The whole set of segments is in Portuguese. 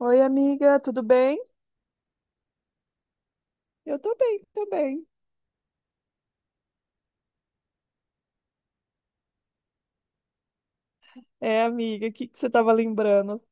Oi, amiga, tudo bem? Eu tô bem, tô bem. É, amiga, o que que você tava lembrando?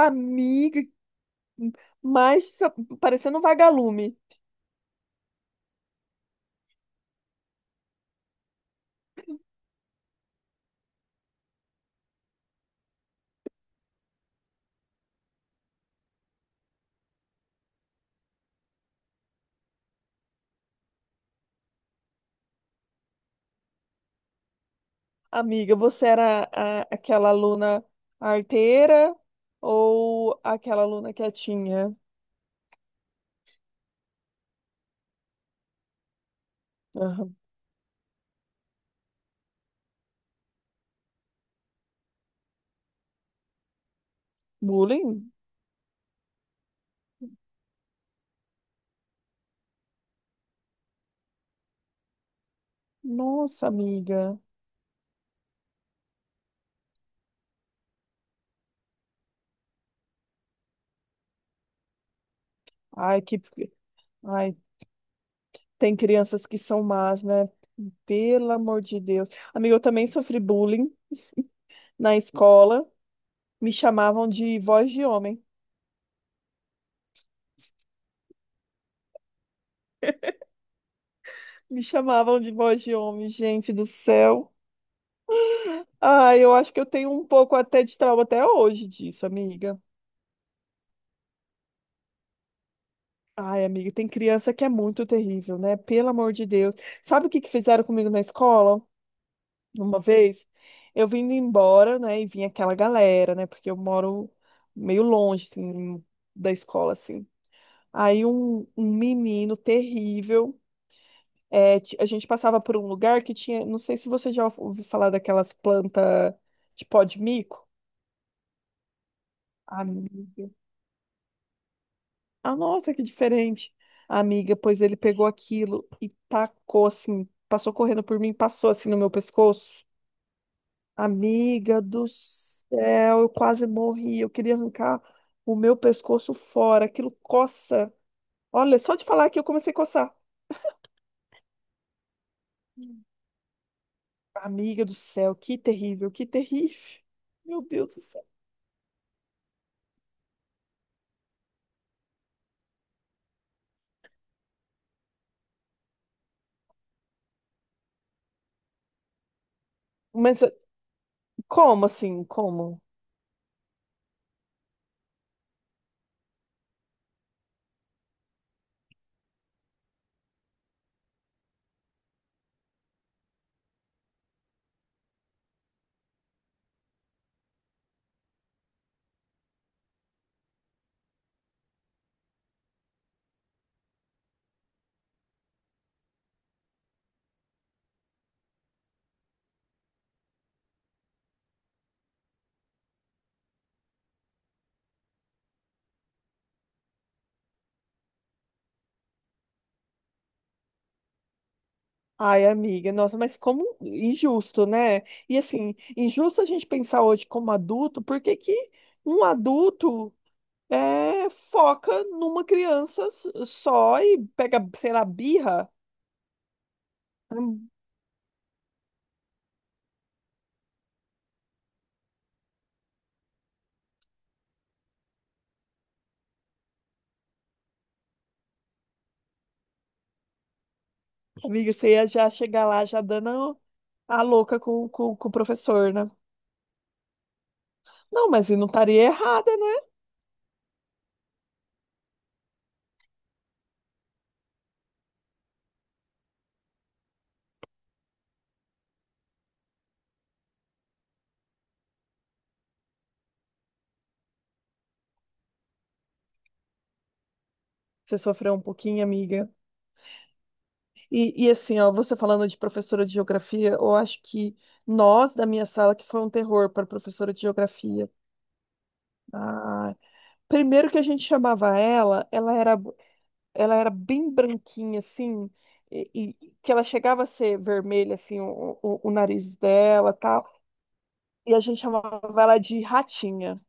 Amiga, mas parecendo um vagalume. Amiga, você era aquela aluna arteira ou aquela aluna quietinha? Aham. Bullying? Nossa, amiga. Ai, que. Ai, tem crianças que são más, né? Pelo amor de Deus. Amiga, eu também sofri bullying na escola. Me chamavam de voz de homem. Me chamavam de voz de homem, gente do céu. Ah, eu acho que eu tenho um pouco até de trauma até hoje disso, amiga. Ai, amiga, tem criança que é muito terrível, né? Pelo amor de Deus. Sabe o que que fizeram comigo na escola? Uma vez, eu vindo embora, né? E vinha aquela galera, né? Porque eu moro meio longe, assim, da escola, assim. Aí um menino terrível. É, a gente passava por um lugar que tinha. Não sei se você já ouviu falar daquelas plantas de pó de mico. Amiga. Ah, nossa, que diferente. Amiga, pois ele pegou aquilo e tacou assim, passou correndo por mim, passou assim no meu pescoço. Amiga do céu, eu quase morri. Eu queria arrancar o meu pescoço fora. Aquilo coça. Olha, só de falar que eu comecei a coçar. Hum. Amiga do céu, que terrível, que terrível. Meu Deus do céu. Mas como assim? Como? Ai, amiga, nossa, mas como injusto, né? E assim, injusto a gente pensar hoje como adulto, porque que um adulto foca numa criança só e pega, sei lá, birra? Hum. Amiga, você ia já chegar lá já dando a louca com o professor, né? Não, mas eu não estaria errada, né? Você sofreu um pouquinho, amiga. E assim, ó, você falando de professora de geografia, eu acho que nós, da minha sala, que foi um terror para a professora de geografia. Ah, primeiro que a gente chamava ela, ela era bem branquinha, assim, e que ela chegava a ser vermelha, assim, o nariz dela, tal, e a gente chamava ela de ratinha.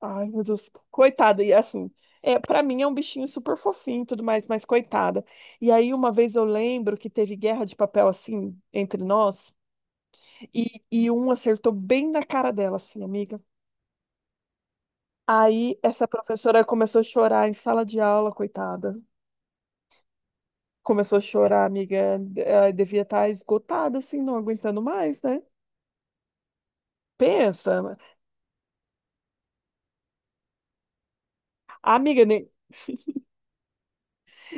Ai, meu Deus, coitada, e assim, é, para mim é um bichinho super fofinho e tudo mais, mas coitada. E aí, uma vez eu lembro que teve guerra de papel assim entre nós. E, um acertou bem na cara dela, assim, amiga. Aí essa professora começou a chorar em sala de aula, coitada. Começou a chorar, amiga. Ela devia estar esgotada, assim, não aguentando mais, né? Pensa, amiga, nem,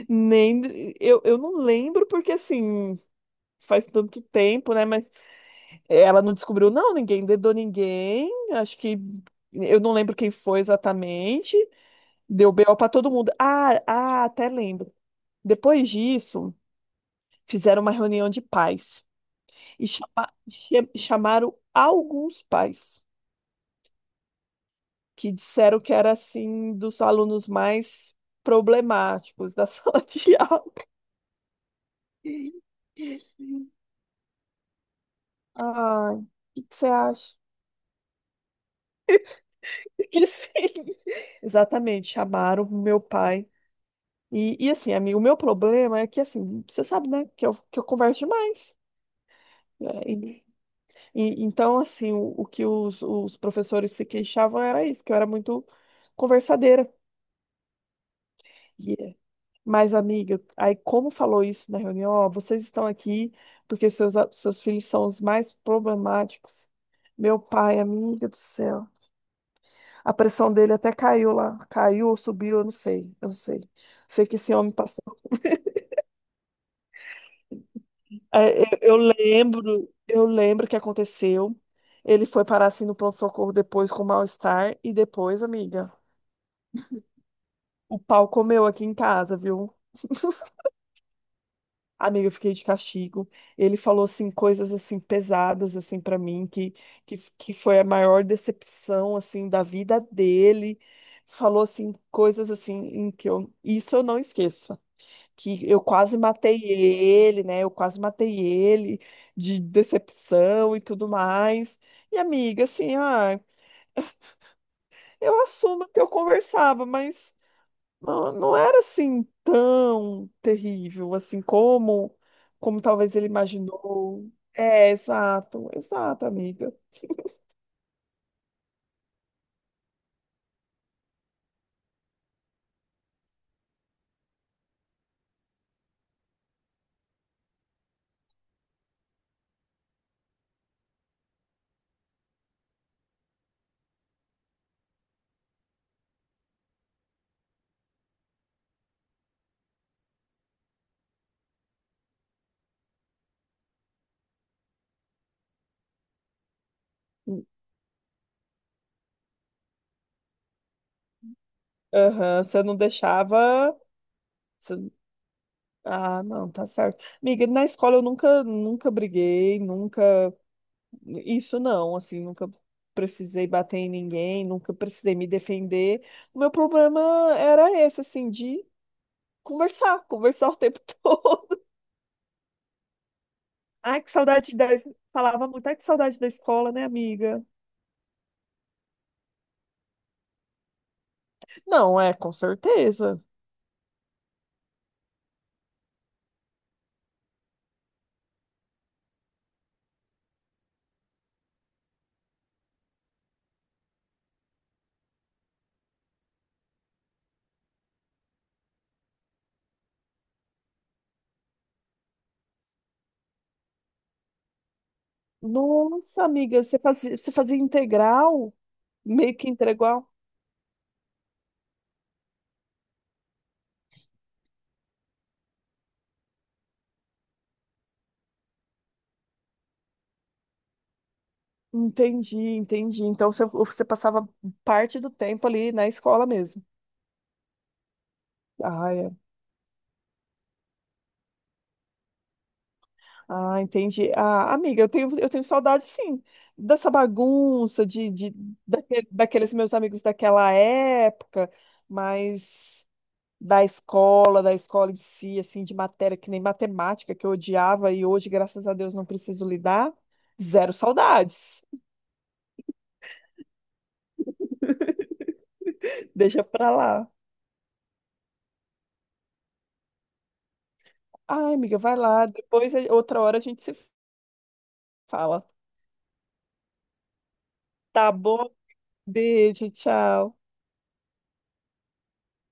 nem eu, eu não lembro porque assim faz tanto tempo, né? Mas ela não descobriu, não, ninguém dedou ninguém. Acho que eu não lembro quem foi exatamente. Deu BO pra todo mundo. Até lembro. Depois disso. Fizeram uma reunião de pais e chamaram alguns pais que disseram que era assim dos alunos mais problemáticos da sala de aula. Ai, o que que você acha? Que sim. Exatamente, chamaram o meu pai. E assim, amigo, o meu problema é que assim, você sabe, né, que eu converso demais. Né? Então, assim, o que os professores se queixavam era isso, que eu era muito conversadeira. Yeah. Mas, amiga, aí como falou isso na reunião, ó, vocês estão aqui porque seus filhos são os mais problemáticos. Meu pai, amiga do céu. A pressão dele até caiu lá. Caiu ou subiu, eu não sei. Eu não sei. Sei que esse homem passou. É, eu lembro que aconteceu. Ele foi parar assim no pronto-socorro depois com mal-estar. E depois, amiga, o pau comeu aqui em casa, viu? Amiga, eu fiquei de castigo. Ele falou assim coisas assim pesadas assim para mim que foi a maior decepção assim da vida dele. Falou assim coisas assim em que eu isso eu não esqueço, que eu quase matei ele, né? Eu quase matei ele de decepção e tudo mais. E amiga, assim, ah, eu assumo que eu conversava, mas não, não era assim tão terrível assim como como talvez ele imaginou. É, exato, exato, amiga. Aham, você não deixava. Você- ah, não, tá certo. Amiga, na escola eu nunca, nunca briguei, nunca. Isso não, assim, nunca precisei bater em ninguém, nunca precisei me defender. O meu problema era esse, assim, de conversar, conversar o tempo todo. Ai, que saudade da... Falava muito, ai, que saudade da escola, né, amiga? Não, é, com certeza. Nossa, amiga, você fazia integral? Meio que integral? Entendi, entendi. Então você passava parte do tempo ali na escola mesmo. Ah, é. Ah, entendi. Ah, amiga, eu tenho saudade, sim, dessa bagunça, daqueles meus amigos daquela época, mas. Da escola, da escola em si, assim, de matéria, que nem matemática, que eu odiava e hoje, graças a Deus, não preciso lidar. Zero saudades. Deixa pra lá. Ai, amiga, vai lá. Depois, outra hora, a gente se fala. Tá bom? Beijo, tchau.